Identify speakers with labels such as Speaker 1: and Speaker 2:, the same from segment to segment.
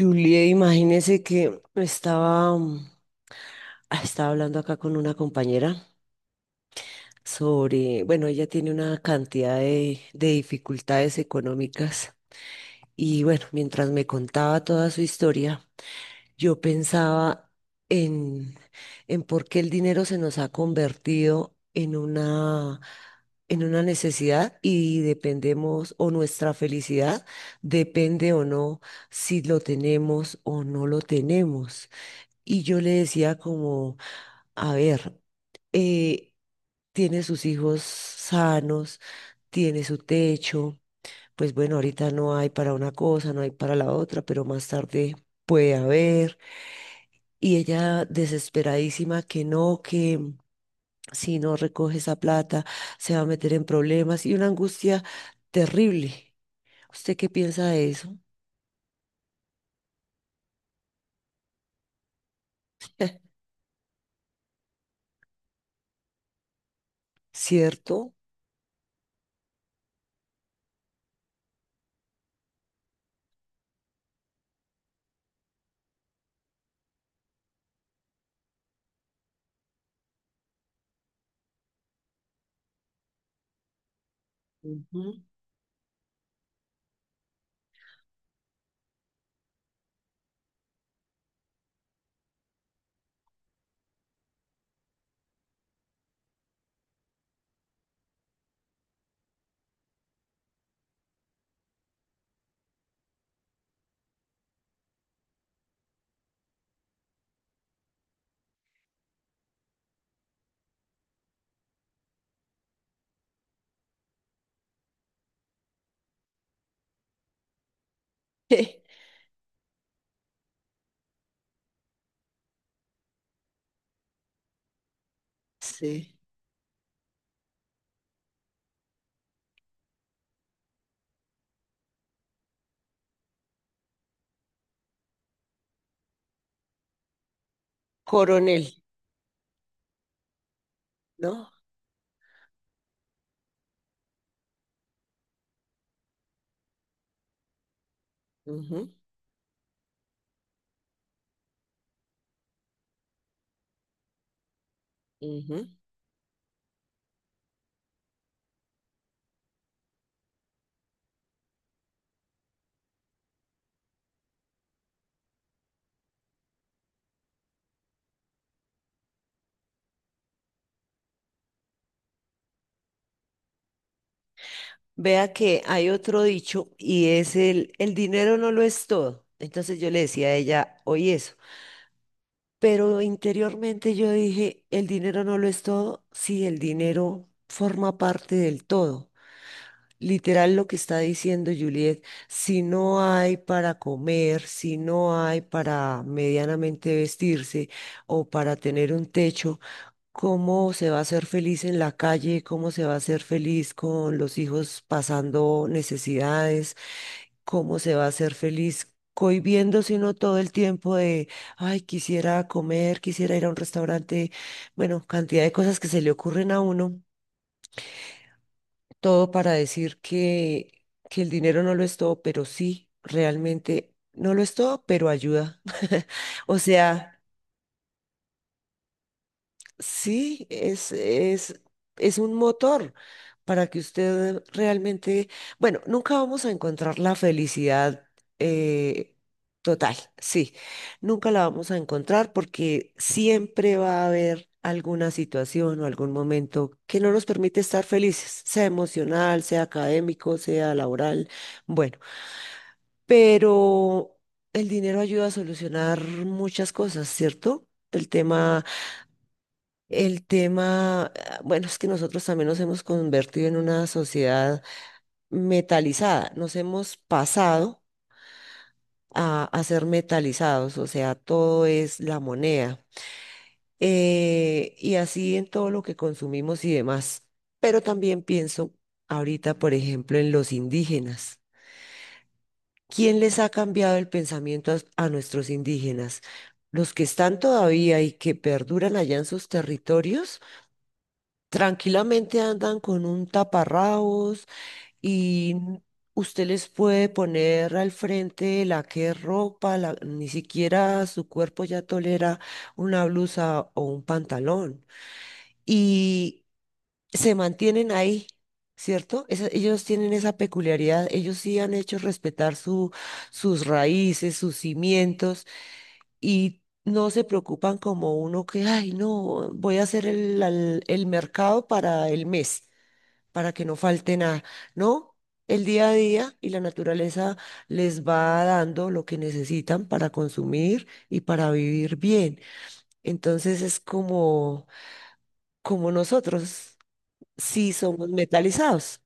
Speaker 1: Julie, imagínese que estaba hablando acá con una compañera sobre, bueno, ella tiene una cantidad de dificultades económicas y bueno, mientras me contaba toda su historia, yo pensaba en, en por qué el dinero se nos ha convertido en una necesidad y dependemos o nuestra felicidad depende o no si lo tenemos o no lo tenemos. Y yo le decía como a ver, eh, tiene sus hijos sanos, tiene su techo, pues bueno, ahorita no hay para una cosa, no hay para la otra, pero más tarde puede haber. Y ella desesperadísima que no, que si no recoge esa plata se va a meter en problemas y una angustia terrible. ¿Usted qué piensa de eso? ¿Cierto? Ujú. Sí, coronel, ¿no? Ujú, ujú. Vea que hay otro dicho y es el dinero no lo es todo. Entonces yo le decía a ella, hoy eso. Pero interiormente yo dije, el dinero no lo es todo. Sí, el dinero forma parte del todo. Literal lo que está diciendo Juliet, si no hay para comer, si no hay para medianamente vestirse o para tener un techo, cómo se va a ser feliz en la calle, cómo se va a ser feliz con los hijos pasando necesidades, cómo se va a ser feliz cohibiendo, sino todo el tiempo de, ay, quisiera comer, quisiera ir a un restaurante, bueno, cantidad de cosas que se le ocurren a uno, todo para decir que el dinero no lo es todo, pero sí, realmente no lo es todo, pero ayuda. O sea... Sí, es un motor para que usted realmente, bueno, nunca vamos a encontrar la felicidad eh, total, sí, nunca la vamos a encontrar porque siempre va a haber alguna situación o algún momento que no nos permite estar felices, sea emocional, sea académico, sea laboral, bueno, pero el dinero ayuda a solucionar muchas cosas, ¿cierto? El tema el tema, ah, bueno, es que nosotros también nos hemos convertido en una sociedad metalizada, nos hemos pasado a ser metalizados, o sea, todo es la moneda, y así en todo lo que consumimos y demás. Pero también pienso ahorita, por ejemplo, en los indígenas. ¿Quién les ha cambiado el pensamiento a nuestros indígenas? Los que están todavía y que perduran allá en sus territorios. Tranquilamente andan con un taparrabos y usted les puede poner al frente la que es ropa, ni siquiera su cuerpo ya tolera una blusa o un pantalón. Y se mantienen ahí, ¿cierto? Ellos tienen esa peculiaridad, ellos sí han hecho respetar su, sus raíces, sus cimientos y... No se preocupan como uno que, ay, no, voy a hacer el mercado para el mes para que no falte nada, ¿no? El día a día y la naturaleza les va dando lo que necesitan para consumir y para vivir bien. Entonces es como, como nosotros, sí somos metalizados,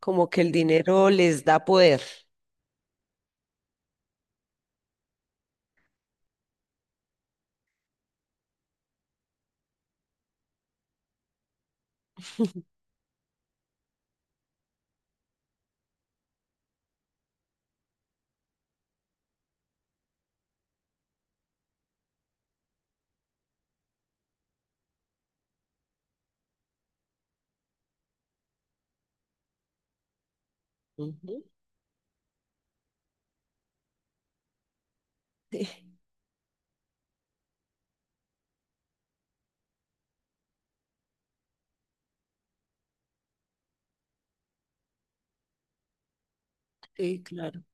Speaker 1: como que el dinero les da poder. Ujú. Sí, sí, claro.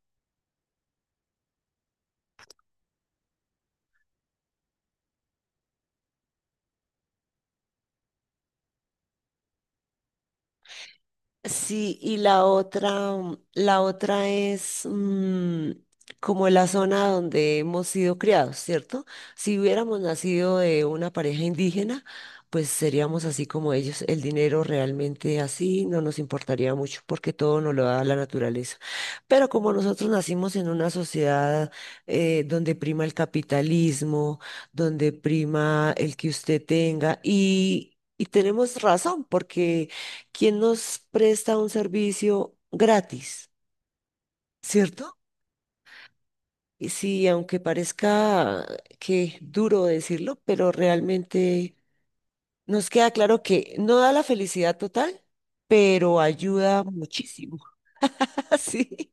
Speaker 1: Sí, y la otra es como la zona donde hemos sido criados, ¿cierto? Si hubiéramos nacido de una pareja indígena, pues seríamos así como ellos. El dinero realmente así no nos importaría mucho porque todo nos lo da la naturaleza. Pero como nosotros nacimos en una sociedad donde prima el capitalismo, donde prima el que usted tenga y... Y tenemos razón, porque ¿quién nos presta un servicio gratis? ¿Cierto? Y sí, aunque parezca que duro decirlo, pero realmente nos queda claro que no da la felicidad total, pero ayuda muchísimo. Así.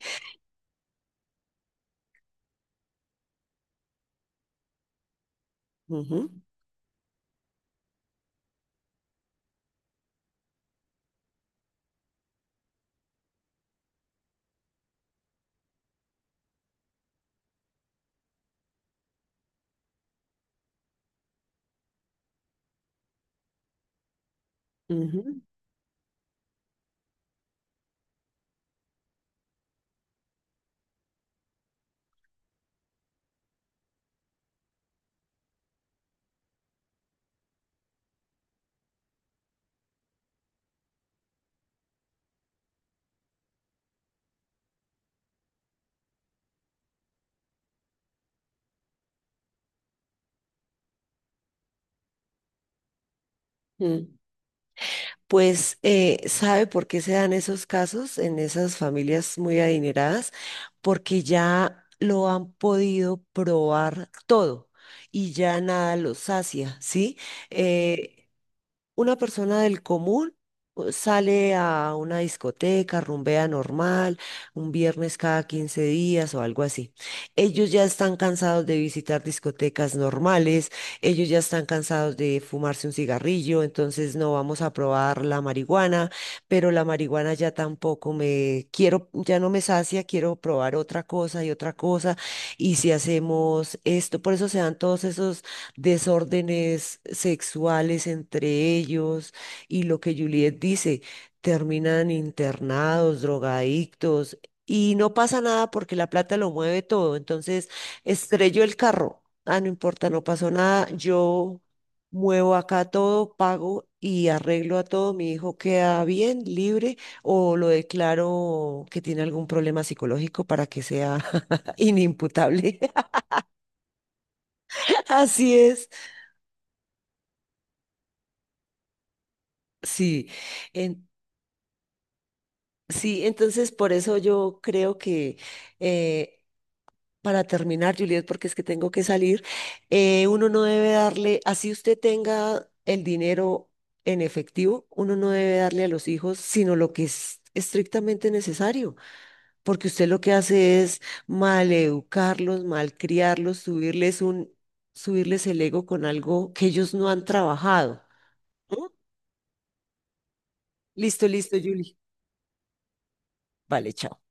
Speaker 1: Ujú, ujú, mm. Pues sabe por qué se dan esos casos en esas familias muy adineradas, porque ya lo han podido probar todo y ya nada los sacia, ¿sí? Eh, una persona del común sale a una discoteca, rumbea normal, un viernes cada 15 días o algo así. Ellos ya están cansados de visitar discotecas normales, ellos ya están cansados de fumarse un cigarrillo, entonces no vamos a probar la marihuana, pero la marihuana ya tampoco me quiero, ya no me sacia, quiero probar otra cosa. Y si hacemos esto, por eso se dan todos esos desórdenes sexuales entre ellos y lo que Juliet dice, terminan internados, drogadictos y no pasa nada porque la plata lo mueve todo. Entonces, estrelló el carro. Ah, no importa, no pasó nada. Yo muevo acá todo, pago y arreglo a todo. Mi hijo queda bien, libre, o lo declaro que tiene algún problema psicológico para que sea inimputable. Así es. Sí. En- Sí, entonces por eso yo creo que eh, para terminar, Juliet, porque es que tengo que salir, uno no debe darle, así usted tenga el dinero en efectivo, uno no debe darle a los hijos sino lo que es estrictamente necesario, porque usted lo que hace es maleducarlos, malcriarlos, subirles el ego con algo que ellos no han trabajado. ¿Mm? Listo, listo, Julie. Vale, chao.